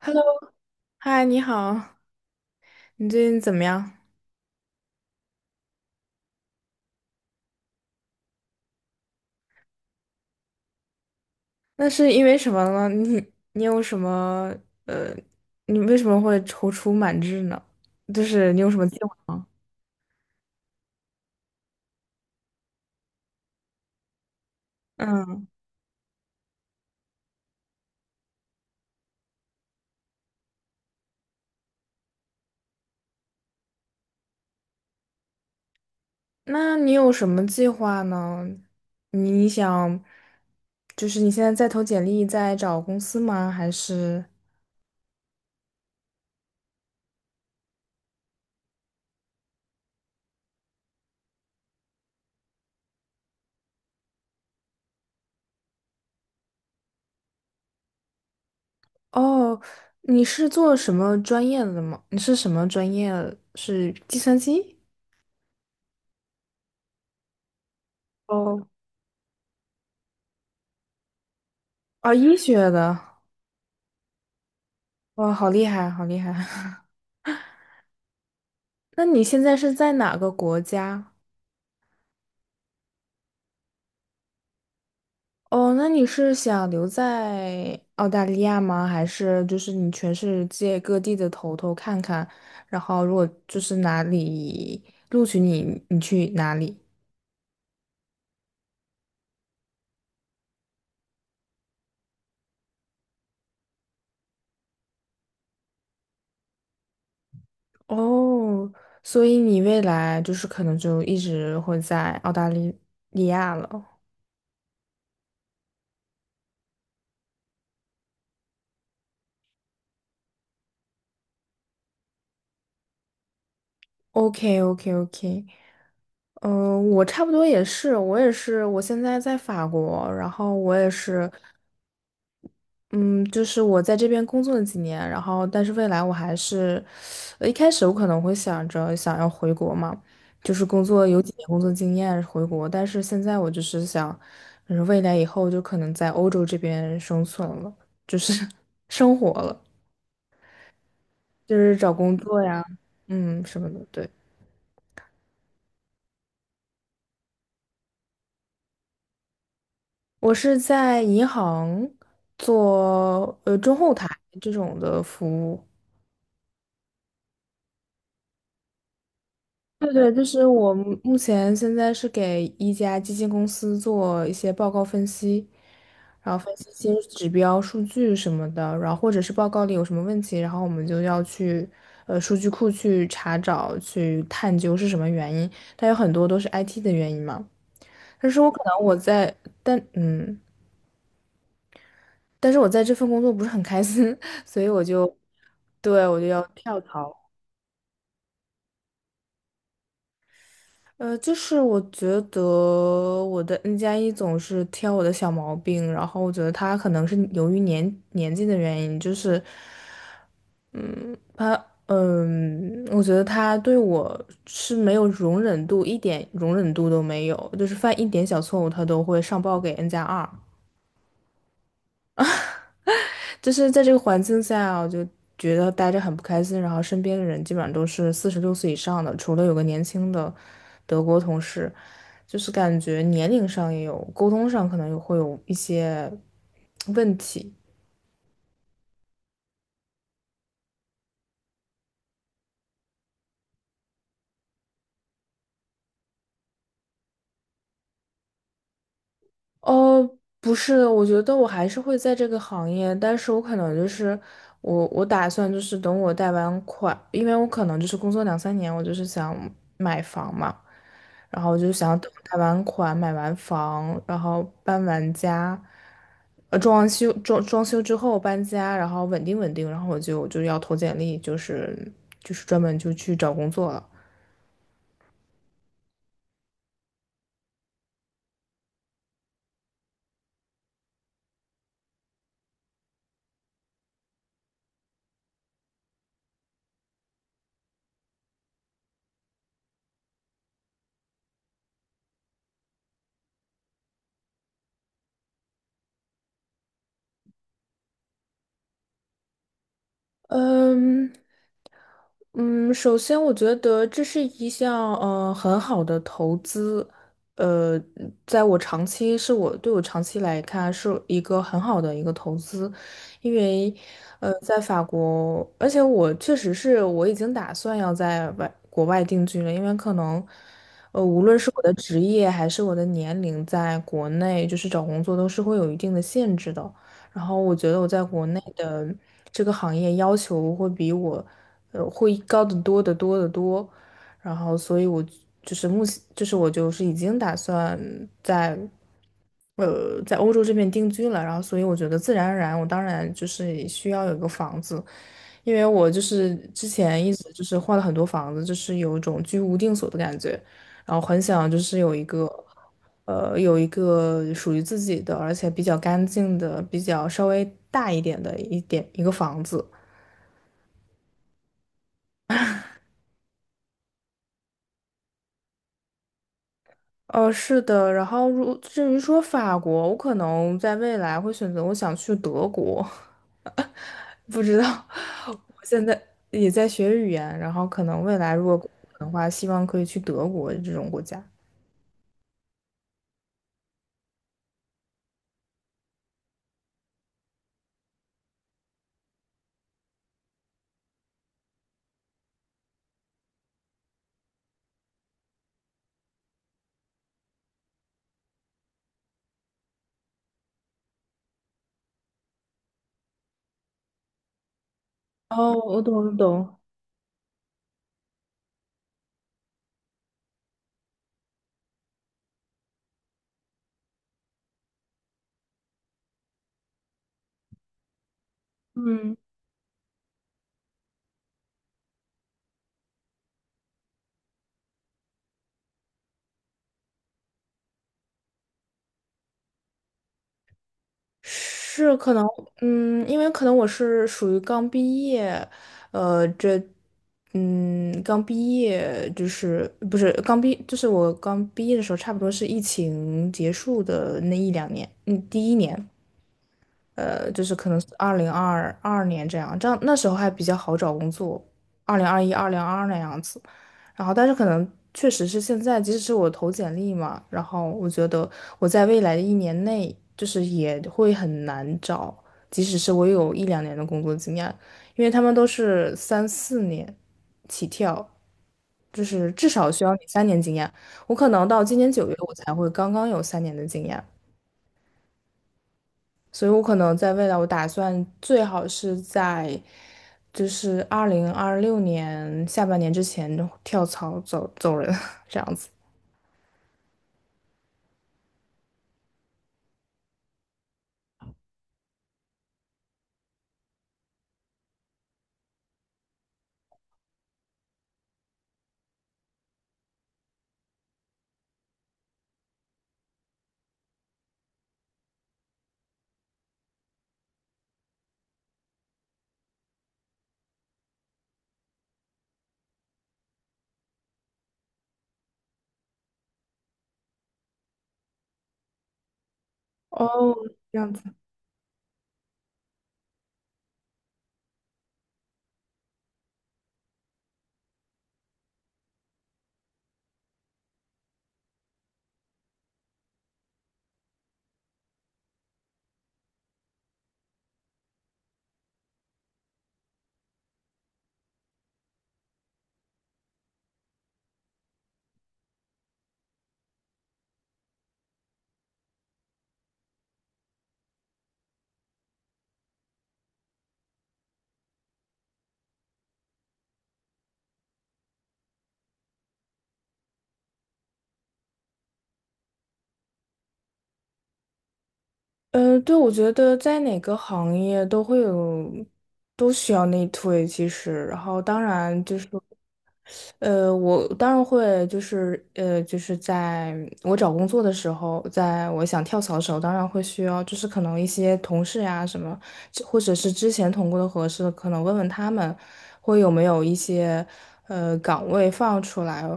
Hello，嗨，你好，你最近怎么样？那是因为什么呢？你有什么呃，你为什么会踌躇满志呢？就是你有什么计划吗？嗯，那你有什么计划呢？你想，就是你现在在投简历，在找公司吗？还是哦，你是做什么专业的吗？你是什么专业？是计算机？哦，啊，医学的，哇，好厉害，好厉害。那你现在是在哪个国家？哦，那你是想留在澳大利亚吗？还是就是你全世界各地的头看看，然后如果就是哪里录取你，你去哪里？哦，所以你未来就是可能就一直会在澳大利利亚了。o k o k o k 嗯，我差不多也是，我也是，我现在在法国，然后我也是，嗯，就是我在这边工作了几年，然后但是未来我还是，一开始我可能会想着想要回国嘛，就是工作有几年工作经验回国，但是现在我就是想，就是未来以后就可能在欧洲这边生存了，就是 生活了，就是找工作呀，嗯，什么的。对，我是在银行做中后台这种的服务。对对，就是我目前现在是给一家基金公司做一些报告分析，然后分析一些指标、数据什么的，然后或者是报告里有什么问题，然后我们就要去数据库去查找、去探究是什么原因。但有很多都是 IT 的原因嘛。但是我可能我在，但嗯，但是我在这份工作不是很开心，所以我就跳槽。就是我觉得我的 N 加一总是挑我的小毛病，然后我觉得他可能是由于年纪的原因，就是，嗯，他，我觉得他对我是没有容忍度，一点容忍度都没有，就是犯一点小错误他都会上报给 N 加二。就是在这个环境下啊我就觉得待着很不开心。然后身边的人基本上都是46岁以上的，除了有个年轻的德国同事，就是感觉年龄上也有，沟通上可能也会有一些问题。哦，不是的，我觉得我还是会在这个行业，但是我可能就是我打算就是等我贷完款，因为我可能就是工作两三年，我就是想买房嘛，然后我就想等贷完款、买完房，然后搬完家，装完修装修之后搬家，然后稳定稳定，然后我就要投简历，就是专门就去找工作了。嗯，嗯，首先我觉得这是一项很好的投资，呃，在我长期是我对我长期来看是一个很好的一个投资，因为在法国，而且我确实是我已经打算要在国外定居了，因为可能无论是我的职业还是我的年龄，在国内就是找工作都是会有一定的限制的。然后我觉得我在国内的这个行业要求会比我，会高得多得多得多。然后，所以我就是目前，就是我就是已经打算在，在欧洲这边定居了。然后，所以我觉得自然而然，我当然就是需要有个房子，因为我就是之前一直就是换了很多房子，就是有一种居无定所的感觉。然后很想就是有一个，呃，有一个属于自己的，而且比较干净的，比较稍微大一点的一个房子。是的。然后至于说法国，我可能在未来会选择我想去德国，不知道。我现在也在学语言，然后可能未来如果可能的话，希望可以去德国这种国家。哦，我懂，我懂。嗯。是可能，因为可能我是属于刚毕业，这，刚毕业就是不是刚毕，就是我刚毕业的时候，差不多是疫情结束的那一两年，第一年。就是可能2022年这样那时候还比较好找工作，2021、二零二二那样子。然后，但是可能确实是现在，即使是我投简历嘛，然后我觉得我在未来的一年内，就是也会很难找，即使是我有一两年的工作经验，因为他们都是三四年起跳，就是至少需要你3年经验。我可能到今年9月，我才会刚刚有三年的经验，所以我可能在未来，我打算最好是在就是2026年下半年之前就跳槽走人 这样子。哦，这样子。嗯，对，我觉得在哪个行业都会有，都需要内推，其实。然后当然就是。我当然会，就是就是在我找工作的时候，在我想跳槽的时候，当然会需要，就是可能一些同事呀、什么，这或者是之前同过的合适，可能问问他们，会有没有一些岗位放出来，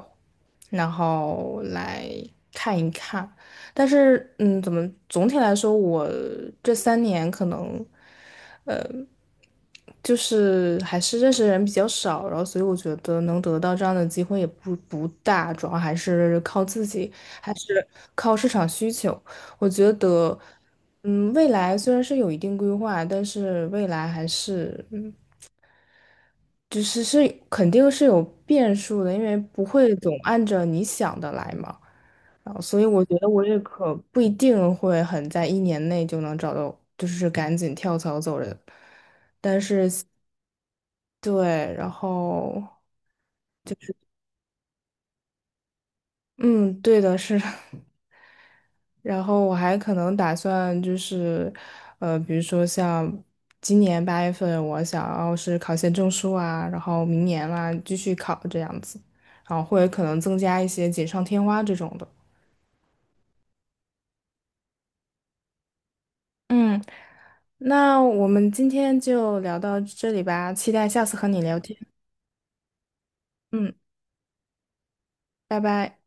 然后来看一看。但是，怎么总体来说，我这三年可能。就是还是认识的人比较少，然后所以我觉得能得到这样的机会也不大，主要还是靠自己，还是靠市场需求。我觉得，未来虽然是有一定规划，但是未来还是，就是肯定是有变数的，因为不会总按着你想的来嘛。然后，所以我觉得我也可不一定会很在一年内就能找到，就是赶紧跳槽走人。对，然后，嗯，对的，是的，然后我还可能打算就是，比如说像今年8月份，我想要是考些证书啊，然后明年啦、继续考这样子，然后或者可能增加一些锦上添花这种的。嗯，那我们今天就聊到这里吧，期待下次和你聊天。嗯，拜拜。